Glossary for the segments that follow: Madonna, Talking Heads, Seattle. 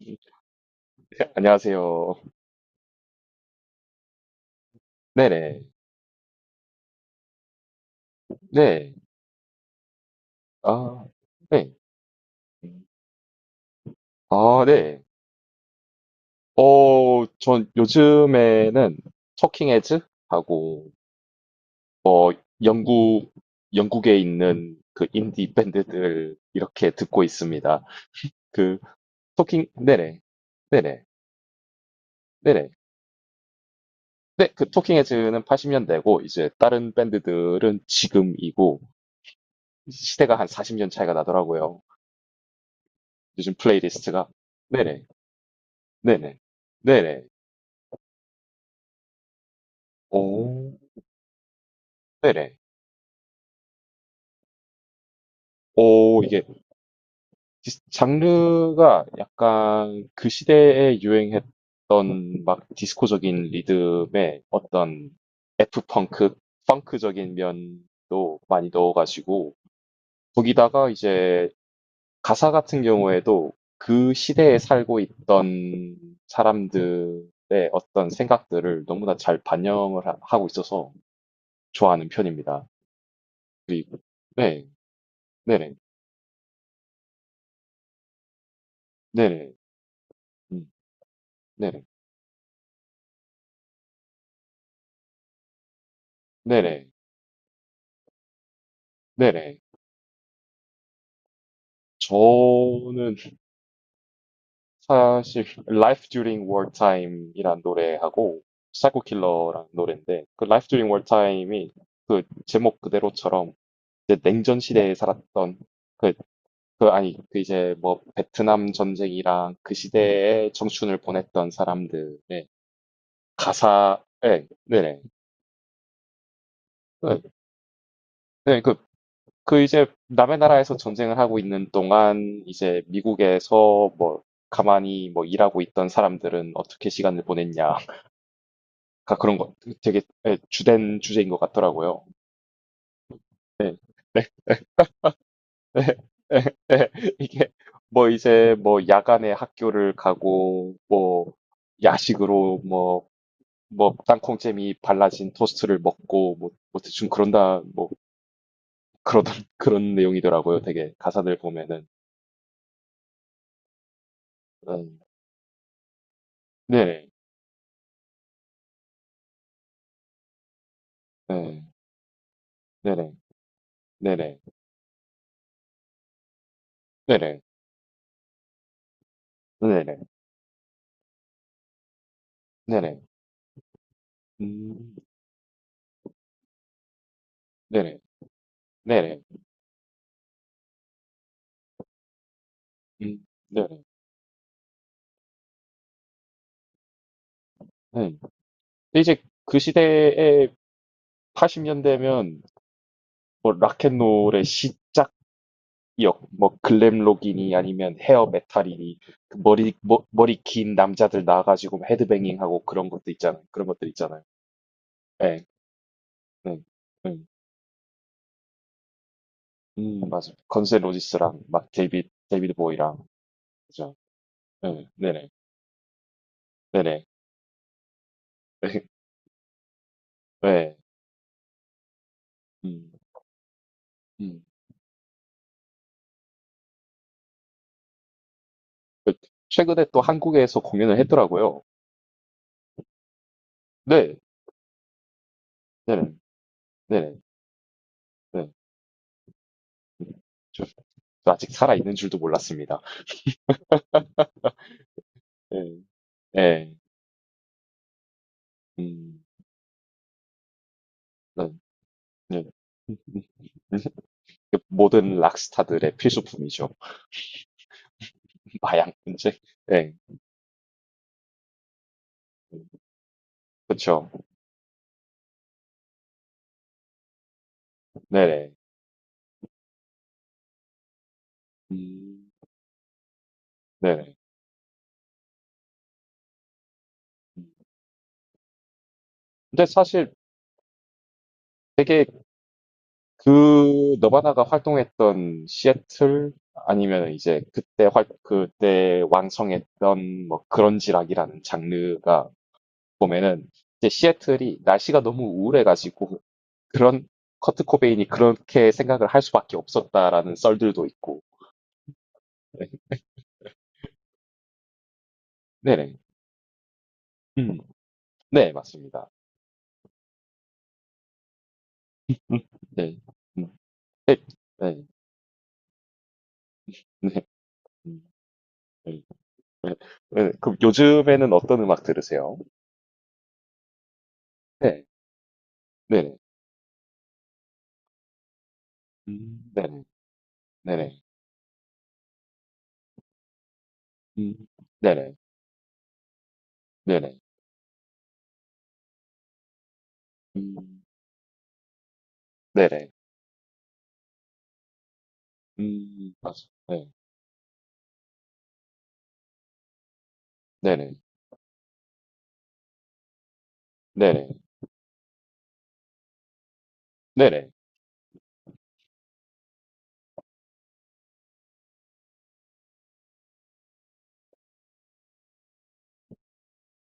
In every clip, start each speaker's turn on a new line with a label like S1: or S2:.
S1: 네, 안녕하세요. 네네. 네. 아, 네. 아, 네. 전 요즘에는 터킹 헤즈 하고 어 영국 영국에 있는 그 인디 밴드들 이렇게 듣고 있습니다. 그 토킹, 네네. 네네. 네네. 네, 그 토킹 헤즈는 80년대고 이제 다른 밴드들은 지금이고, 시대가 한 40년 차이가 나더라고요. 요즘 플레이리스트가. 네네. 네네. 네네. 오, 네네. 오, 이게 장르가 약간 그 시대에 유행했던 막 디스코적인 리듬에 어떤 F펑크, 펑크적인 면도 많이 넣어가지고, 거기다가 이제 가사 같은 경우에도 그 시대에 살고 있던 사람들의 어떤 생각들을 너무나 잘 반영을 하고 있어서 좋아하는 편입니다. 그리고, 네, 네네, 네네, 음, 네네. 네네. 네네. 저는 사실 Life During Wartime이란 노래하고 사이코 킬러라는 노래인데, 그 Life During Wartime이 그 제목 그대로처럼 이제 냉전 시대에 살았던, 그, 그 아니 그 이제 뭐 베트남 전쟁이랑 그 시대에 청춘을 보냈던 사람들의 가사에. 네네. 네, 네, 그 그 이제 남의 나라에서 전쟁을 하고 있는 동안, 이제 미국에서 뭐 가만히 뭐 일하고 있던 사람들은 어떻게 시간을 보냈냐, 가 그런 거, 되게 예, 주된 주제인 것 같더라고요. 네. 네. 네. 네. 네. 이게 뭐 이제 뭐 야간에 학교를 가고, 뭐 야식으로 뭐, 뭐 땅콩잼이 발라진 토스트를 먹고, 뭐, 뭐 대충 그런다, 뭐 그러던 그런 내용이더라고요. 되게 가사들 보면은. 음, 네. 네. 네네. 네네. 네네. 네네. 네네. 음. 네네. 네네. 음. 네네. 네. 근데 이제 그 시대에 80년대면 뭐 락앤롤의 시작역, 뭐 글램록이니 아니면 헤어 메탈이니, 그 머리 긴 남자들 나와가지고 헤드뱅잉하고 그런 것도 있잖아요. 그런 것들 있잖아요. 예. 네. 네. 네. 맞아. 요 건세 로지스랑 막 데이비드 보이랑. 그죠. 네. 네네. 네네. 네. 네. 음. 음. 그 최근에 또 한국에서 공연을 했더라고요. 네, 네네, 네네, 네. 음, 저, 저 아직 살아있는 줄도 몰랐습니다. 네, 네, 음, 네, 네. 모든 락스타들의 필수품이죠. 마약 문제. 네, 그렇죠. 네네, 음, 네네. 근데 사실 되게 그 너바나가 활동했던 시애틀, 아니면 이제 그때 활, 그때 왕성했던 뭐 그런지락이라는 장르가 보면은 이제 시애틀이 날씨가 너무 우울해가지고, 그런 커트 코베인이 그렇게 생각을 할 수밖에 없었다라는 썰들도 있고. 네, 네네. 음, 네, 맞습니다. 음, 네, 음, 네, 네, 음, 네, 네. 네, 그럼 요즘에는 어떤 음악 들으세요? 네, 네네. 네네. 네네. 음, 네네. 네네. 음, 네네. 맞, 네. 네네. 네네. 네네.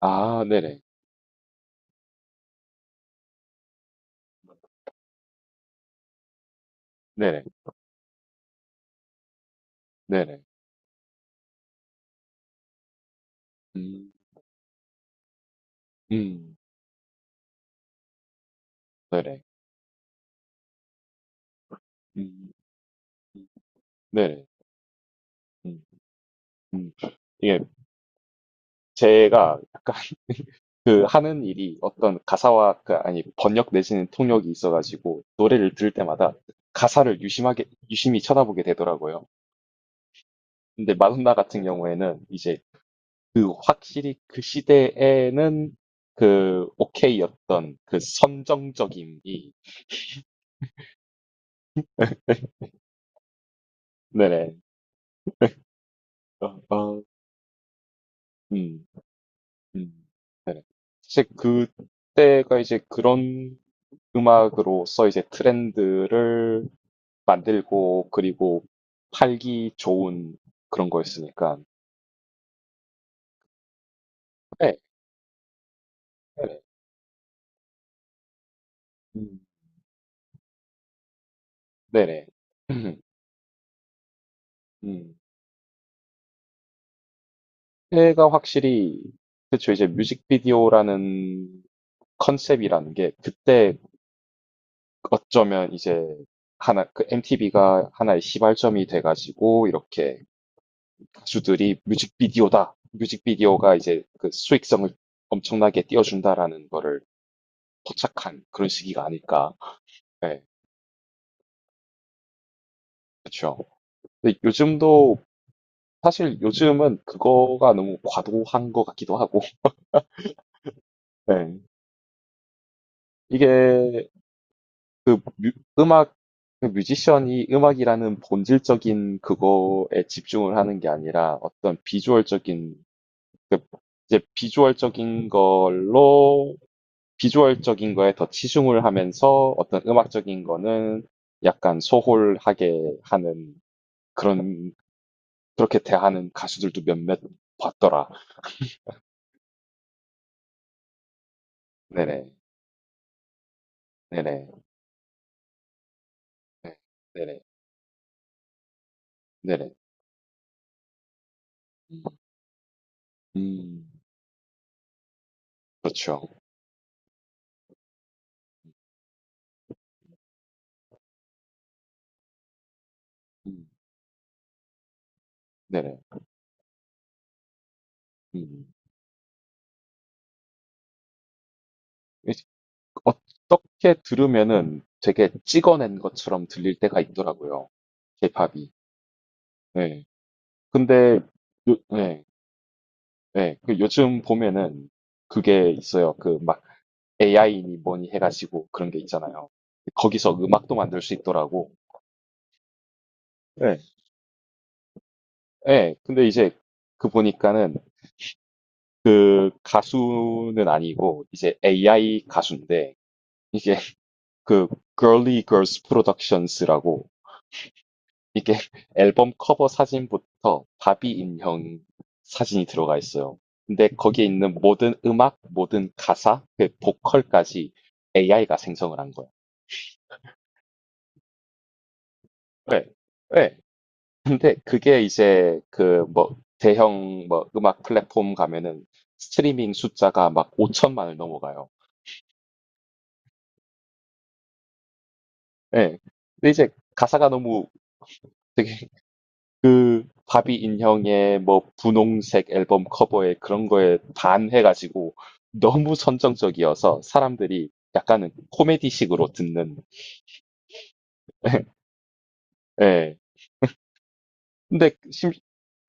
S1: 아, 네네. 네네. 네네. 음, 음. 네네. 음. 음. 네네. 음. 음. 이게 제가 약간 그 하는 일이 어떤 가사와 그 아니 번역 내지는 통역이 있어가지고, 노래를 들을 때마다 가사를 유심하게 유심히 쳐다보게 되더라고요. 근데 마돈나 같은 경우에는 이제 그 확실히 그 시대에는 그 오케이였던 그 선정적임이. 네네. 어, 어, 음. 음, 네네. 사실 그때가 이제 그런 음악으로서 이제 트렌드를 만들고, 그리고 팔기 좋은 그런 거였으니까. 네, 네네. 음, 네네. 음. 때가 확실히 그쵸, 이제 뮤직비디오라는 컨셉이라는 게 그때 어쩌면 이제 하나, 그 MTV가 하나의 시발점이 돼가지고 이렇게 가수들이 뮤직비디오다, 뮤직비디오가 이제 그 수익성을 엄청나게 띄워준다라는 거를 포착한 그런 시기가 아닐까. 네, 그렇죠. 근데 요즘도 사실 요즘은 그거가 너무 과도한 것 같기도 하고. 네. 이게 그 음악, 그 뮤지션이 음악이라는 본질적인 그거에 집중을 하는 게 아니라 어떤 비주얼적인 그 이제 비주얼적인 걸로, 비주얼적인 거에 더 치중을 하면서 어떤 음악적인 거는 약간 소홀하게 하는 그런, 그렇게 대하는 가수들도 몇몇 봤더라. 네네, 네네, 네, 네네, 네네. 음, 그렇죠. 음, 네네. 음. 이- 어떻게 들으면은 되게 찍어낸 것처럼 들릴 때가 있더라고요. 케이팝이. 네. 근데 요, 네, 네. 그 요즘 보면은 그게 있어요. 그막 AI니 뭐니 해가지고 그런 게 있잖아요. 거기서 음악도 만들 수 있더라고. 네. 네. 근데 이제 그 보니까는 그 가수는 아니고 이제 AI 가수인데, 이게 그 Girly Girls Productions라고, 이게 앨범 커버 사진부터 바비 인형 사진이 들어가 있어요. 근데 거기에 있는 모든 음악, 모든 가사, 그 보컬까지 AI가 생성을 한 거예요. 네. 네. 근데 그게 이제 그 뭐 대형 뭐 음악 플랫폼 가면은 스트리밍 숫자가 막 5천만을 넘어가요. 예. 근데 이제 가사가 너무 되게 그 바비 인형의 뭐 분홍색 앨범 커버에 그런 거에 반해가지고 너무 선정적이어서 사람들이 약간은 코미디식으로 듣는. 예. 근데 심,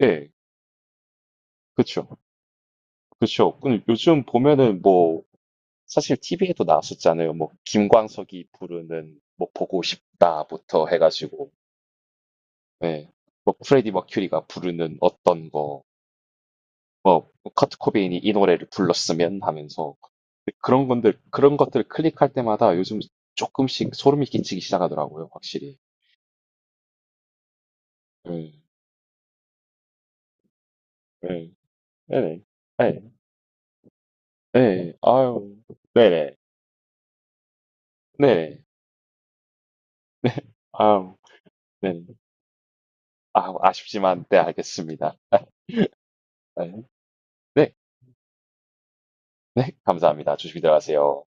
S1: 예. 그쵸. 그쵸. 근데 요즘 보면은 뭐 사실 TV에도 나왔었잖아요. 뭐 김광석이 부르는 뭐 보고 싶다부터 해가지고, 예, 뭐 프레디 머큐리가 부르는 어떤 거, 커트 코베인이 이 노래를 불렀으면 하면서, 그런 건들 그런 것들을 클릭할 때마다 요즘 조금씩 소름이 끼치기 시작하더라고요, 확실히. 예, 예, 네네, 예, 예, 아유, 네네, 네네, 아유, 네네, 아, 아쉽지만, 네, 알겠습니다. 네, 네, 네, 감사합니다. 조심히 들어가세요.